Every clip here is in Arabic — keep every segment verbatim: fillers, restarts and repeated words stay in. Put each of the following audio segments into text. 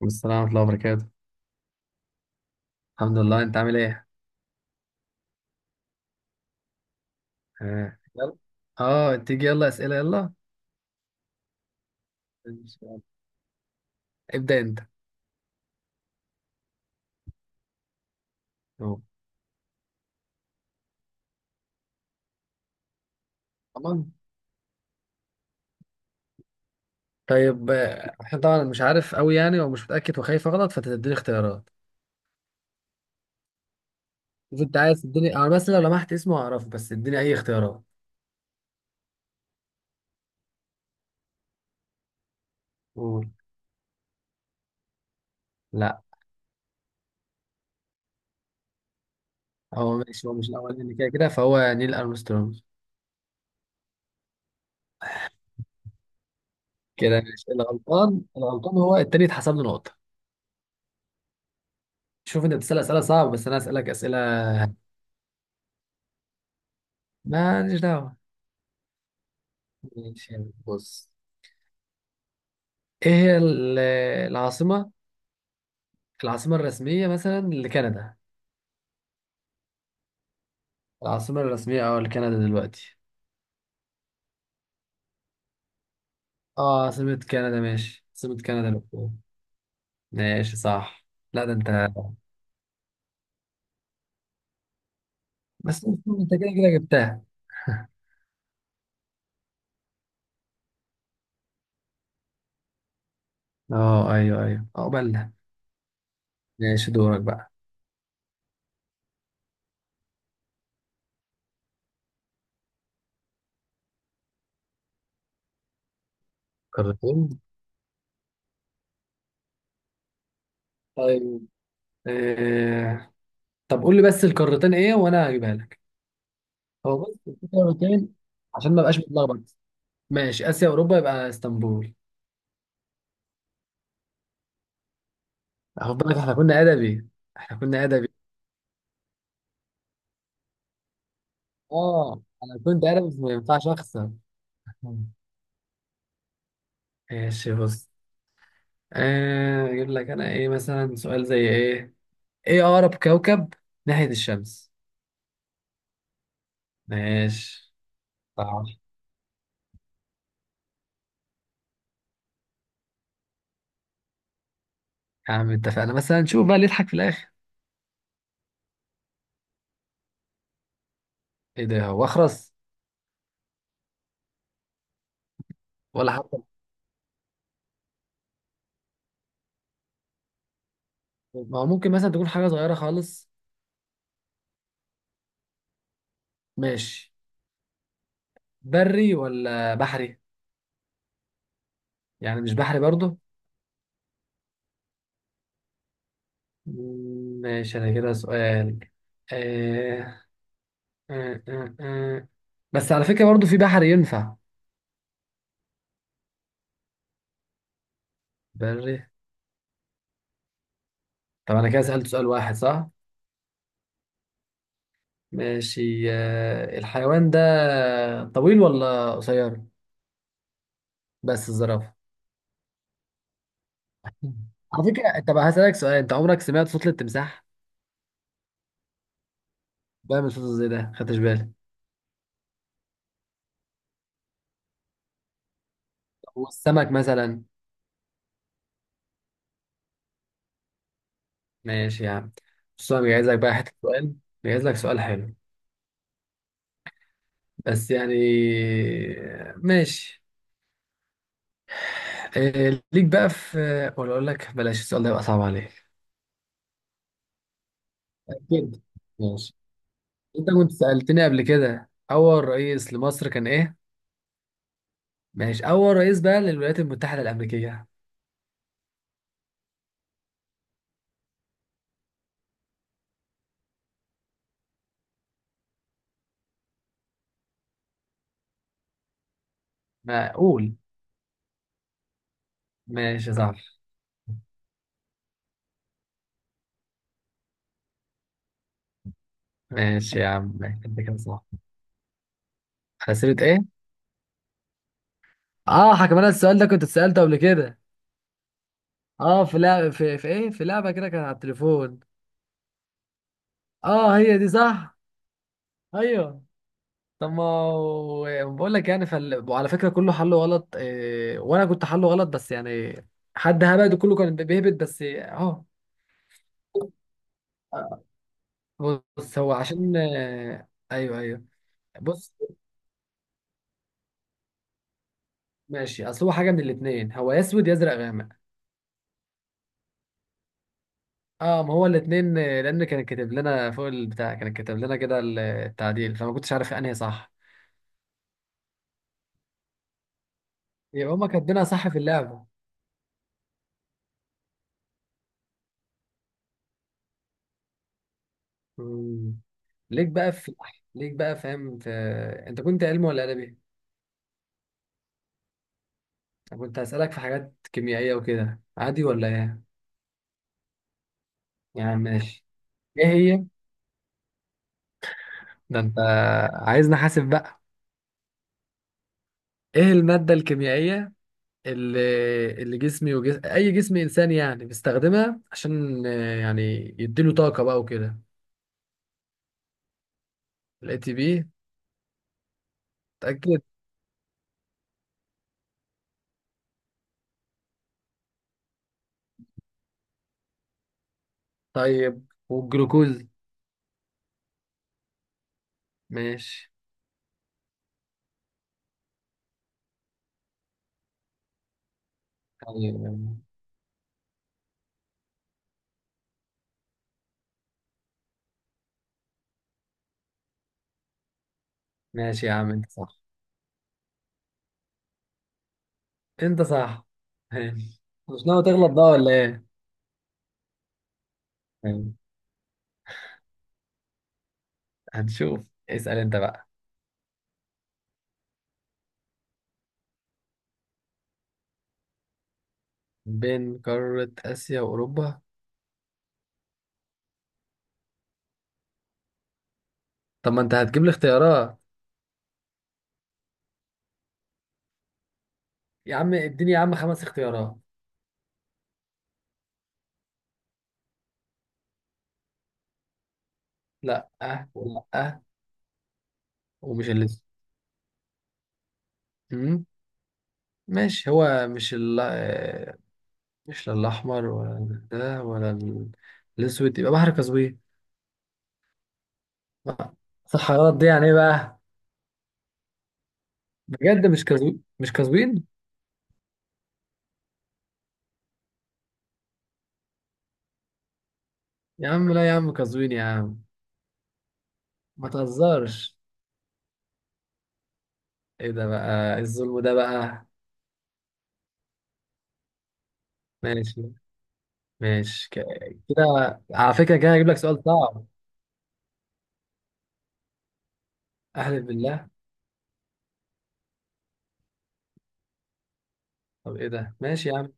والسلام ورحمة الله وبركاته. الحمد لله، انت عامل ايه؟ اه يلا. اه تيجي يلا اسئلة يلا. إن شاء الله. ابدأ انت. أهو. طبعا. طيب آه، احنا طبعا مش عارف قوي يعني ومش متأكد وخايف اغلط فتديني اختيارات. شوف انت عايز تديني انا، بس لو لمحت اسمه هعرفه، بس اديني اي اختيارات. قول. لا هو ماشي، هو مش الاولاني كده كده فهو نيل ارمسترونج. كده ماشي، الغلطان الغلطان هو التاني اتحسب له نقطة. شوف انت بتسأل اسئلة صعبة بس انا اسألك اسئلة. ماليش دعوة. ماشي. بص، ايه هي ال- العاصمة، العاصمة الرسمية مثلا لكندا؟ العاصمة الرسمية اه لكندا دلوقتي. اه عاصمة كندا، ماشي عاصمة كندا لوكو. ماشي صح. لا ده انت. بس انت كده كده جبتها. اه ايوه ايوه، عقبالنا. ماشي دورك بقى. قارتين؟ طيب آه. طب قول لي بس القارتين ايه وانا هجيبها لك. هو بس في قارتين؟ عشان ما بقاش متلخبط. ماشي، اسيا اوروبا، يبقى اسطنبول. خد بالك احنا كنا ادبي، احنا كنا ادبي. اه انا كنت عارف ما ينفعش اخسر. ماشي. بص، آه، اجيب لك انا ايه مثلا؟ سؤال زي ايه؟ ايه اقرب كوكب ناحية الشمس؟ ماشي صح. يا عم اتفقنا، مثلا نشوف بقى اللي يضحك في الاخر. ايه ده؟ هو اخرس؟ ولا حتى. ما هو ممكن مثلا تكون حاجة صغيرة خالص. ماشي. بري ولا بحري؟ يعني مش بحري برضه؟ مم، ماشي انا كده سؤال. آه آه آه آه. بس على فكرة برضه في بحر ينفع. بري. طب انا كده سألت سؤال واحد صح؟ ماشي. آه، الحيوان ده طويل ولا قصير؟ بس الزرافة. على فكرة، طب هسألك سؤال، انت عمرك سمعت صوت التمساح؟ بعمل صوت زي ده، خدتش بالك؟ والسمك مثلا؟ ماشي يا عم. بص انا جايز لك بقى حتة سؤال، جايز لك سؤال حلو. بس يعني. ماشي. آه، ليك بقى في. ولا اقول لك بلاش السؤال ده، يبقى صعب عليك. أكيد. ماشي. انت كنت سألتني قبل كده، اول رئيس لمصر كان ايه. ماشي. أول رئيس بقى للولايات المتحدة الأمريكية؟ معقول. ماشي يا صاحبي. ماشي يا عم، ماشي. أنت كده صح. على سيرة إيه؟ آه حكم، أنا السؤال ده كنت اتسألته قبل كده. آه، في لعبة، في, في إيه؟ في لعبة كده كانت على التليفون. آه هي دي صح؟ أيوه. طب ما هو- بقول لك يعني فال... وعلى فكرة كله حله غلط. إيه... وأنا كنت حله غلط، بس يعني حد هبد وكله كان بيهبد، بس آه، أهو. بص هو عشان آه، أيوه أيوه. بص ماشي، اصل هو حاجه من الاثنين، هو يا اسود يا ازرق غامق. اه ما هو الاثنين، لان كان كاتب لنا فوق البتاع، كان كاتب لنا كده ال- التعديل، فما كنتش عارف انهي صح. يبقى هما كاتبينها صح في اللعبه. مم. ليك بقى في. ليك بقى فاهم في... انت كنت علمي ولا ادبي؟ انا كنت هسالك في حاجات كيميائيه وكده، عادي ولا ايه؟ يعني ماشي. ايه هي. ده انت، عايزني احاسب بقى. ايه الماده الكيميائيه اللي، اللي جسمي وجس... اي جسم انساني يعني بيستخدمها عشان آه، يعني يديله طاقه بقى وكده؟ الاي تي بي. اتاكد. طيب والجلوكوز؟ ماشي. طيب ماشي يا عم انت صح. انت صح. ماشي. مش ناوي تغلط بقى ولا ايه؟ ماشي. هنشوف. اسال انت بقى. بين قاره اسيا واوروبا. طب ما انت هتجيب لي اختيارات. يا عم اديني يا عم خمس اختيارات. لا أه، ولا أه. ومش اللي. أمم. ماشي، هو مش ال، مش لا الأحمر ولا ده ولا ال- الأسود، يبقى بحر قزوين. لا، الصحراء دي يعني إيه بقى. بجد مش كازوين؟ مش كازوين يا عم؟ لا يا عم كازوين يا عم. ما تهزرش. ايه ده بقى، إيه الظلم ده بقى. ماشي. ماشي ك- كده على فكرة كده هجيب لك سؤال صعب. أحلف بالله. طب ايه ده، ماشي يا عم.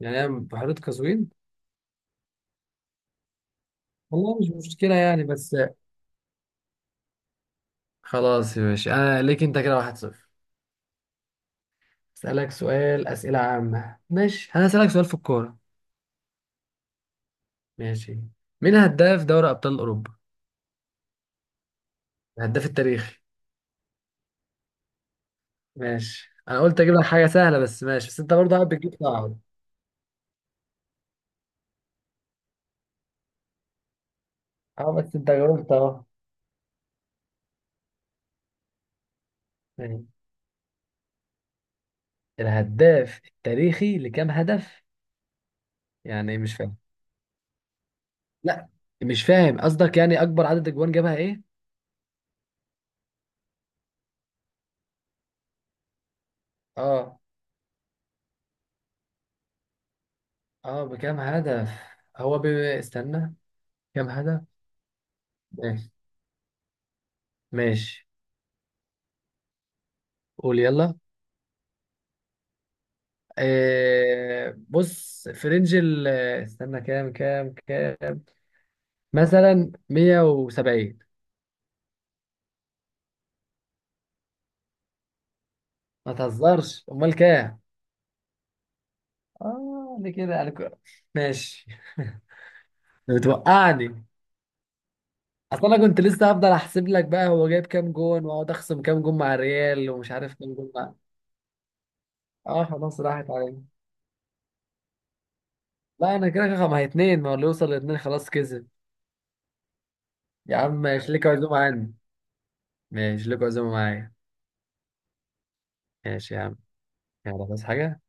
يعني أنا بحيرة كازوين. والله مش مشكلة يعني، بس. خلاص يا باشا، أنا ليك أنت كده واحد صفر. أسألك سؤال، أسئلة عامة، ماشي أنا أسألك سؤال في الكورة. ماشي. مين هداف دوري ابطال اوروبا؟ الهداف التاريخي. ماشي، انا قلت اجيب لك حاجه سهله، بس ماشي، بس انت برضه قاعد بتجيب صعب. اه بس انت جاوبت اهو. يعني الهداف التاريخي لكام هدف؟ يعني إيه؟ مش فاهم. لا مش فاهم قصدك، يعني اكبر عدد اجوان جابها ايه؟ اه. اه بكام هدف. هو بي... استنى. كام هدف؟ ماشي. ماشي. قول يلا. آه بص، في رينج ال، استنى. كام كام كام مثلا، مية وسبعين؟ ما تهزرش، امال كام؟ اه دي كده انا ك-، ماشي. بتوقعني. اصل انا كنت لسه هفضل احسب لك بقى، هو جايب كام جون واقعد اخصم كام جون مع الريال، ومش عارف كام جون مع. اه خلاص راحت عليا. لا انا كده كده، ما هي اتنين، ما هو اللي يوصل لاتنين خلاص كسب. يا عم ماشي، ليك عزومه عني. ماشي ليك عزومه معايا. ماشي يا عم. يلا بس حاجه.